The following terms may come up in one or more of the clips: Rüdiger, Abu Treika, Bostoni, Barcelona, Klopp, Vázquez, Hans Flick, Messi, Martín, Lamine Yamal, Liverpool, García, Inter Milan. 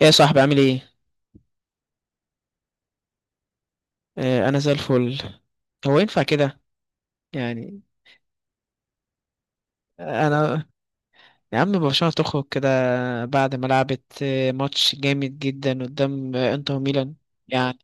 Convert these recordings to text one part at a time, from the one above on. ايه يا صاحبي، عامل ايه؟ آه، انا زي الفل. هو ينفع كده؟ يعني. انا. يا عم، برشلونة تخرج كده بعد ما لعبت ماتش جامد جدا قدام انتر ميلان. يعني،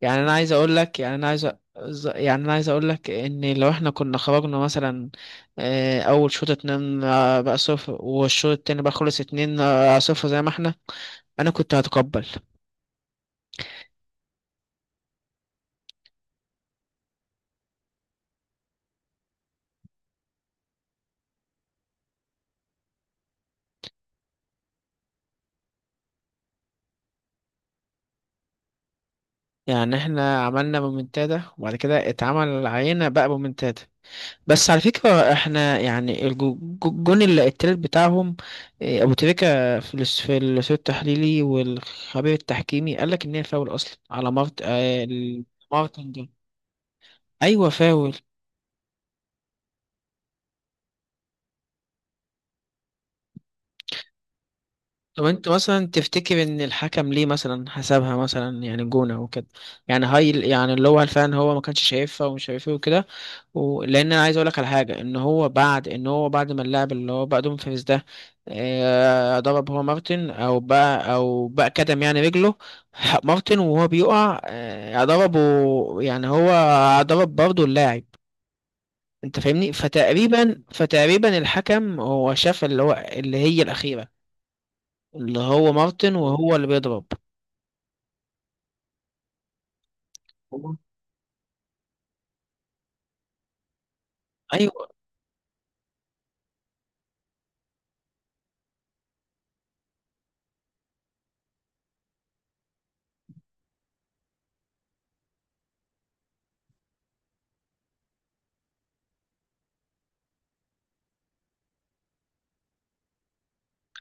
يعني انا عايز اقول لك يعني انا عايز يعني انا عايز اقول لك ان لو احنا كنا خرجنا مثلا اول شوط اتنين بقى صفر، والشوط التاني بقى خلص اتنين صفر، زي ما احنا. انا كنت هتقبل. يعني احنا عملنا مومنتادا، وبعد كده اتعمل علينا بقى مومنتادا. بس على فكرة، احنا يعني الجون التالت بتاعهم. إيه، ابو تريكة في في الاستوديو التحليلي والخبير التحكيمي قال لك ان هي فاول اصلا على مارتن ده. ايوه، فاول. طب انت مثلا تفتكر ان الحكم ليه مثلا حسبها مثلا يعني جونة وكده؟ يعني هاي يعني اللي هو فعلا هو ما كانش شايفها ومش شايفها وكده. لان انا عايز اقول لك على حاجه، ان هو بعد ما اللاعب اللي هو بقى دوم فيريز ده ضرب هو مارتن او بقى كتم يعني رجله مارتن وهو بيقع ضربه. يعني هو ضرب برضه اللاعب. انت فاهمني؟ فتقريبا الحكم هو شاف اللي هو اللي هي الاخيره، اللي هو مارتن وهو اللي بيضرب. ايوه.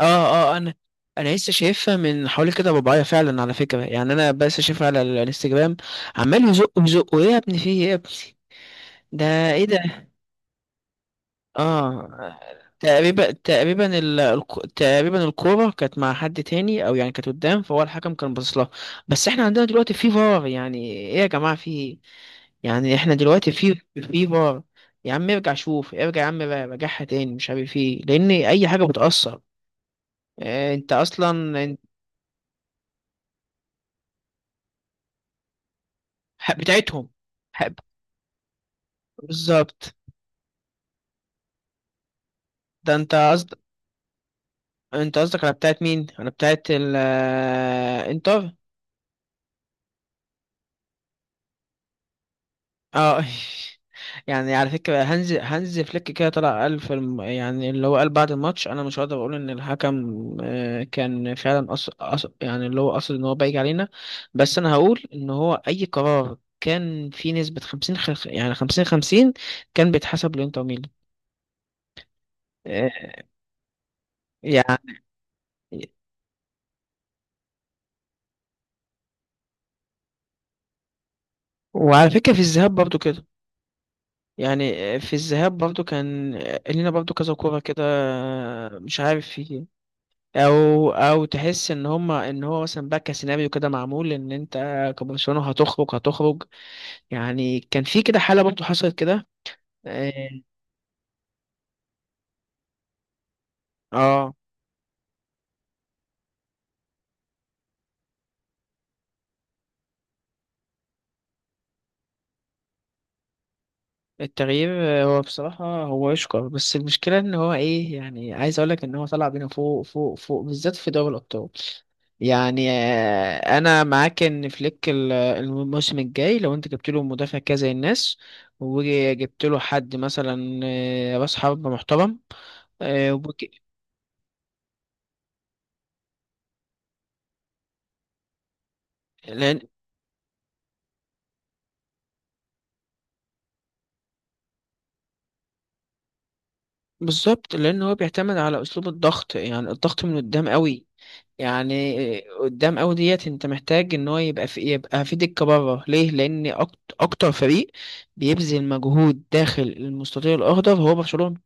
اه، اه، انا. انا لسه شايفها من حوالي كده رباعية فعلا، على فكره. يعني انا بس شايفها على الانستجرام. عمال يزق يزق. ايه يا ابني؟ في ايه يا ابني ده؟ ايه ده؟ اه. تقريبا الكوره كانت مع حد تاني، او يعني كانت قدام، فهو الحكم كان باصص لها. بس احنا عندنا دلوقتي في فار، يعني ايه يا جماعه؟ في، يعني احنا دلوقتي في فار. يا عم ارجع شوف، ارجع يا عم، راجعها تاني مش عارف ايه، لان اي حاجه بتاثر. انت اصلا حق بتاعتهم، حق، بالظبط. ده انت قصد، انت قصدك على بتاعت مين؟ على بتاعت ال انتر؟ اه يعني على فكرة، هانز فليك كده طلع قال في يعني اللي هو قال بعد الماتش، انا مش هقدر اقول ان الحكم كان فعلا يعني اللي هو قصد ان هو بايج علينا. بس انا هقول ان هو اي قرار كان في نسبة 50 يعني 50 50، كان بيتحسب لانتر ميلان. آه، يعني، وعلى فكرة في الذهاب برضو كده. يعني في الذهاب برضو كان لينا برضو كذا كورة كده، مش عارف، في او تحس ان هما ان هو مثلا بقى كسيناريو كده معمول ان انت كبرشلونه هتخرج، هتخرج. يعني كان في كده حاله برضه حصلت كده. اه. آه، التغيير هو بصراحه هو يشكر، بس المشكله ان هو ايه، يعني عايز اقول لك ان هو طلع بينا فوق فوق فوق، بالذات في دوري الابطال. يعني انا معاك ان فليك، الموسم الجاي لو انت جبت له مدافع كذا زي الناس، وجبت له حد مثلا راس حربة محترم، آه، وبك- لان بالظبط، لان هو بيعتمد على اسلوب الضغط، يعني الضغط من قدام قوي. يعني قدام قوي ديت، انت محتاج ان هو يبقى في، دكه بره. ليه؟ لان اكتر فريق بيبذل مجهود داخل المستطيل الاخضر هو برشلونه.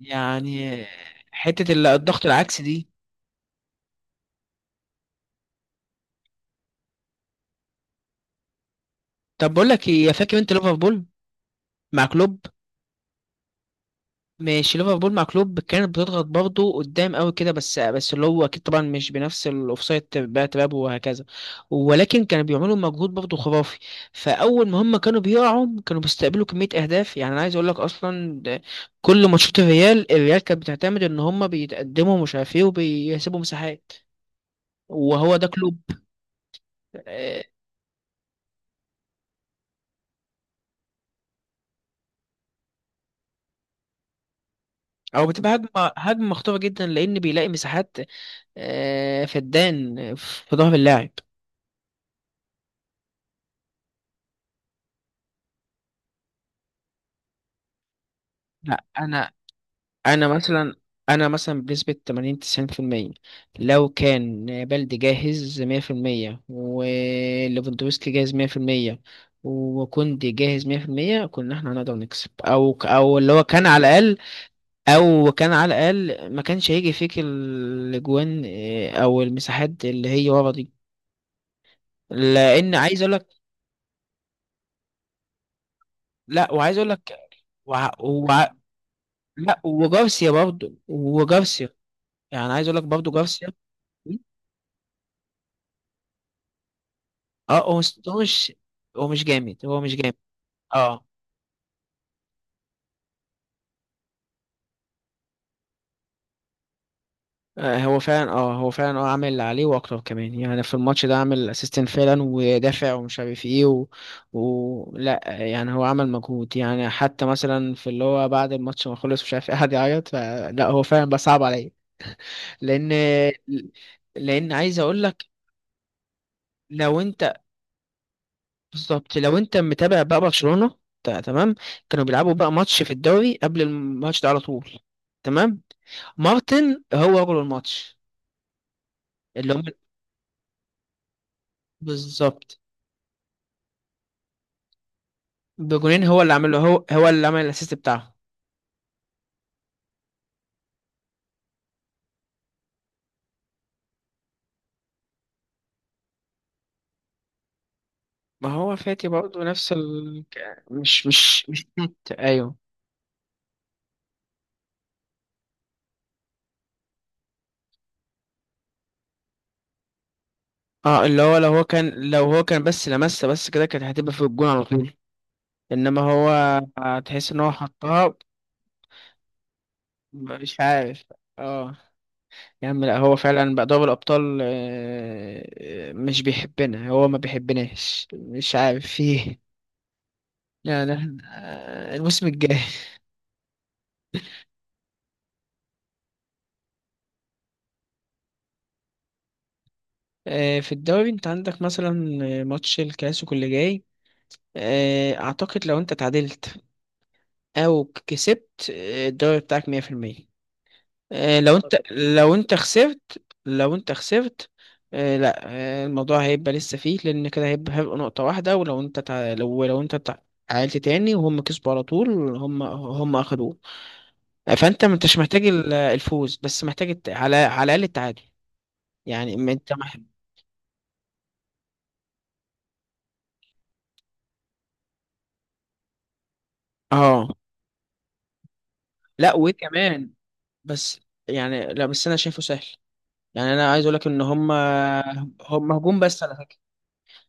يعني حته الضغط العكسي دي. طب بقول لك ايه، فاكر انت ليفربول مع كلوب؟ ماشي، ليفربول مع كلوب كانت بتضغط برضه قدام قوي كده، بس اللي هو اكيد طبعا مش بنفس الاوفسايد بقى تراب وهكذا، ولكن كانوا بيعملوا مجهود برضه خرافي. فاول ما هم كانوا بيقعوا، كانوا بيستقبلوا كميه اهداف. يعني انا عايز اقول لك اصلا، ده كل ماتشات الريال كانت بتعتمد ان هم بيتقدموا مش عارف ايه، وبيسيبوا مساحات. وهو ده كلوب. آه، او بتبقى هجمه، هجمه مخطوره جدا، لان بيلاقي مساحات فدان في ظهر اللاعب. لا، انا، انا مثلا انا مثلا بنسبة 80 90%، لو كان بلدي جاهز 100%، وليفاندوفسكي جاهز 100%، وكوندي جاهز 100%، كنا احنا هنقدر نكسب، او اللي هو كان على الاقل، او كان على الاقل ما كانش هيجي فيك الاجوان او المساحات اللي هي ورا دي. لان عايز اقول لك، لا وعايز اقول لك، وع... وع... لا، وجارسيا، يعني عايز اقول لك برضه جارسيا. اه، هو مش، هو مش جامد، هو مش جامد. اه، هو فعلا، اه هو فعلا اه عامل اللي عليه واكتر كمان. يعني في الماتش ده عامل اسيستنت فعلا، ودافع ومش عارف ايه لا يعني هو عمل مجهود. يعني حتى مثلا في اللي هو بعد الماتش ما خلص مش عارف ايه، قعد يعيط، فلا هو فعلا بقى صعب عليا. لان، لان عايز اقول لك، لو انت، بالظبط، لو انت متابع بقى برشلونة تمام؟ كانوا بيلعبوا بقى ماتش في الدوري قبل الماتش ده على طول، تمام؟ مارتن هو رجل الماتش اللي هم. بالظبط. بجونين، هو اللي عمله، هو اللي عمل الاسيست بتاعه. ما هو فاتي برضه نفس ال مش نوت. ايوه. اه، اللي هو لو هو كان، بس لمسه بس كده، كانت هتبقى في الجون على طول. انما هو تحس ان هو حطها مش عارف. اه. يا عم، لا هو فعلا بقى دوري الأبطال مش بيحبنا، هو ما بيحبناش مش عارف فيه. يعني الموسم الجاي. في الدوري انت عندك مثلا ماتش الكلاسيكو اللي جاي. اعتقد لو انت تعادلت او كسبت، الدوري بتاعك 100%. لو انت، لو انت خسرت. لا. الموضوع هيبقى لسه فيه، لان كده هيبقى، نقطة واحدة. ولو انت لو انت تعادلت تاني وهم كسبوا على طول، هم اخدوه. فانت ما انتش محتاج الفوز، بس محتاج على الاقل التعادل. يعني ما انت اه، لا وكمان، بس، يعني لا، بس انا شايفه سهل. يعني انا عايز اقول لك ان هم هجوم بس.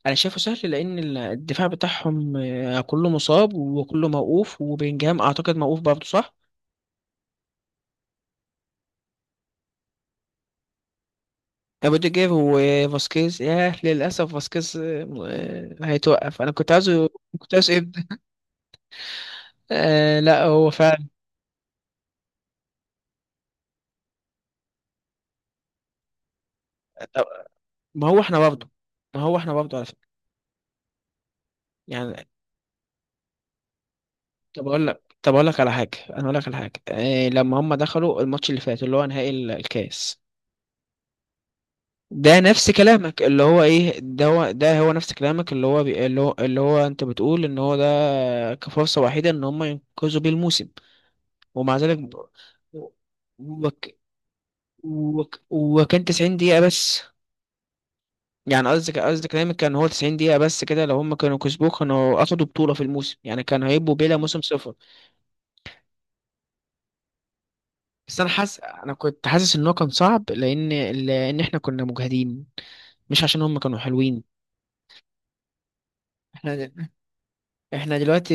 انا شايفه سهل لان الدفاع بتاعهم كله مصاب وكله موقوف، وبيلينجهام اعتقد موقوف برضه، صح؟ روديجر وفاسكيز، ياه للاسف فاسكيز، هيتوقف، انا كنت عايزه، كنت عايزه يبدا. آه، لا هو فعلا. طب- ما هو احنا برضه، ما هو احنا برضه على فكره، يعني. طب اقول لك على حاجه، لما هم دخلوا الماتش اللي فات، اللي هو نهائي الكاس ده، نفس كلامك. اللي هو ايه ده، هو نفس كلامك اللي هو اللي هو انت بتقول ان هو ده كفرصة وحيدة ان هم ينقذوا بيه الموسم، ومع ذلك وك... وكان 90 دقيقة بس. يعني قصدك كلامك كان هو 90 دقيقة بس كده، لو هم كانوا كسبوه كانوا اخدوا بطولة في الموسم، يعني كانوا هيبقوا بلا موسم صفر. بس انا حاسس، انا كنت حاسس ان هو كان صعب لان، لان احنا كنا مجهدين، مش عشان هم كانوا حلوين. احنا دلوقتي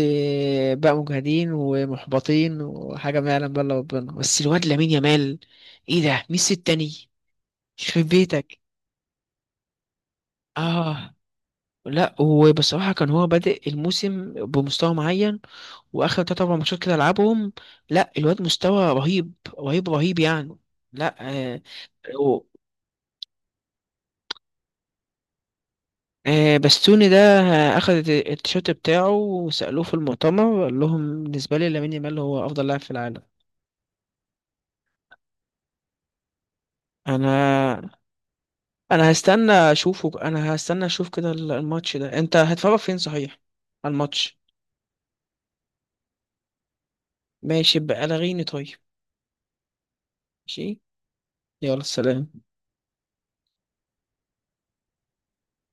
بقى مجهدين ومحبطين، وحاجة ما يعلم بقى الا ربنا. بس الواد لامين يامال، ايه ده؟ ميسي التاني، يخرب بيتك. اه، لا وبصراحة كان هو بادئ الموسم بمستوى معين، واخر تلات اربع ماتشات كده لعبهم. لا الواد مستوى رهيب، رهيب رهيب يعني. لا. آه. و- بستوني ده اخد التيشيرت بتاعه، وسألوه في المؤتمر قال لهم بالنسبة لي لامين يامال هو افضل لاعب في العالم. انا، انا هستنى اشوفه، انا هستنى اشوف كده الماتش ده انت هتفرج فين صحيح؟ على الماتش. ماشي بقى لغيني طيب. ماشي، يلا سلام.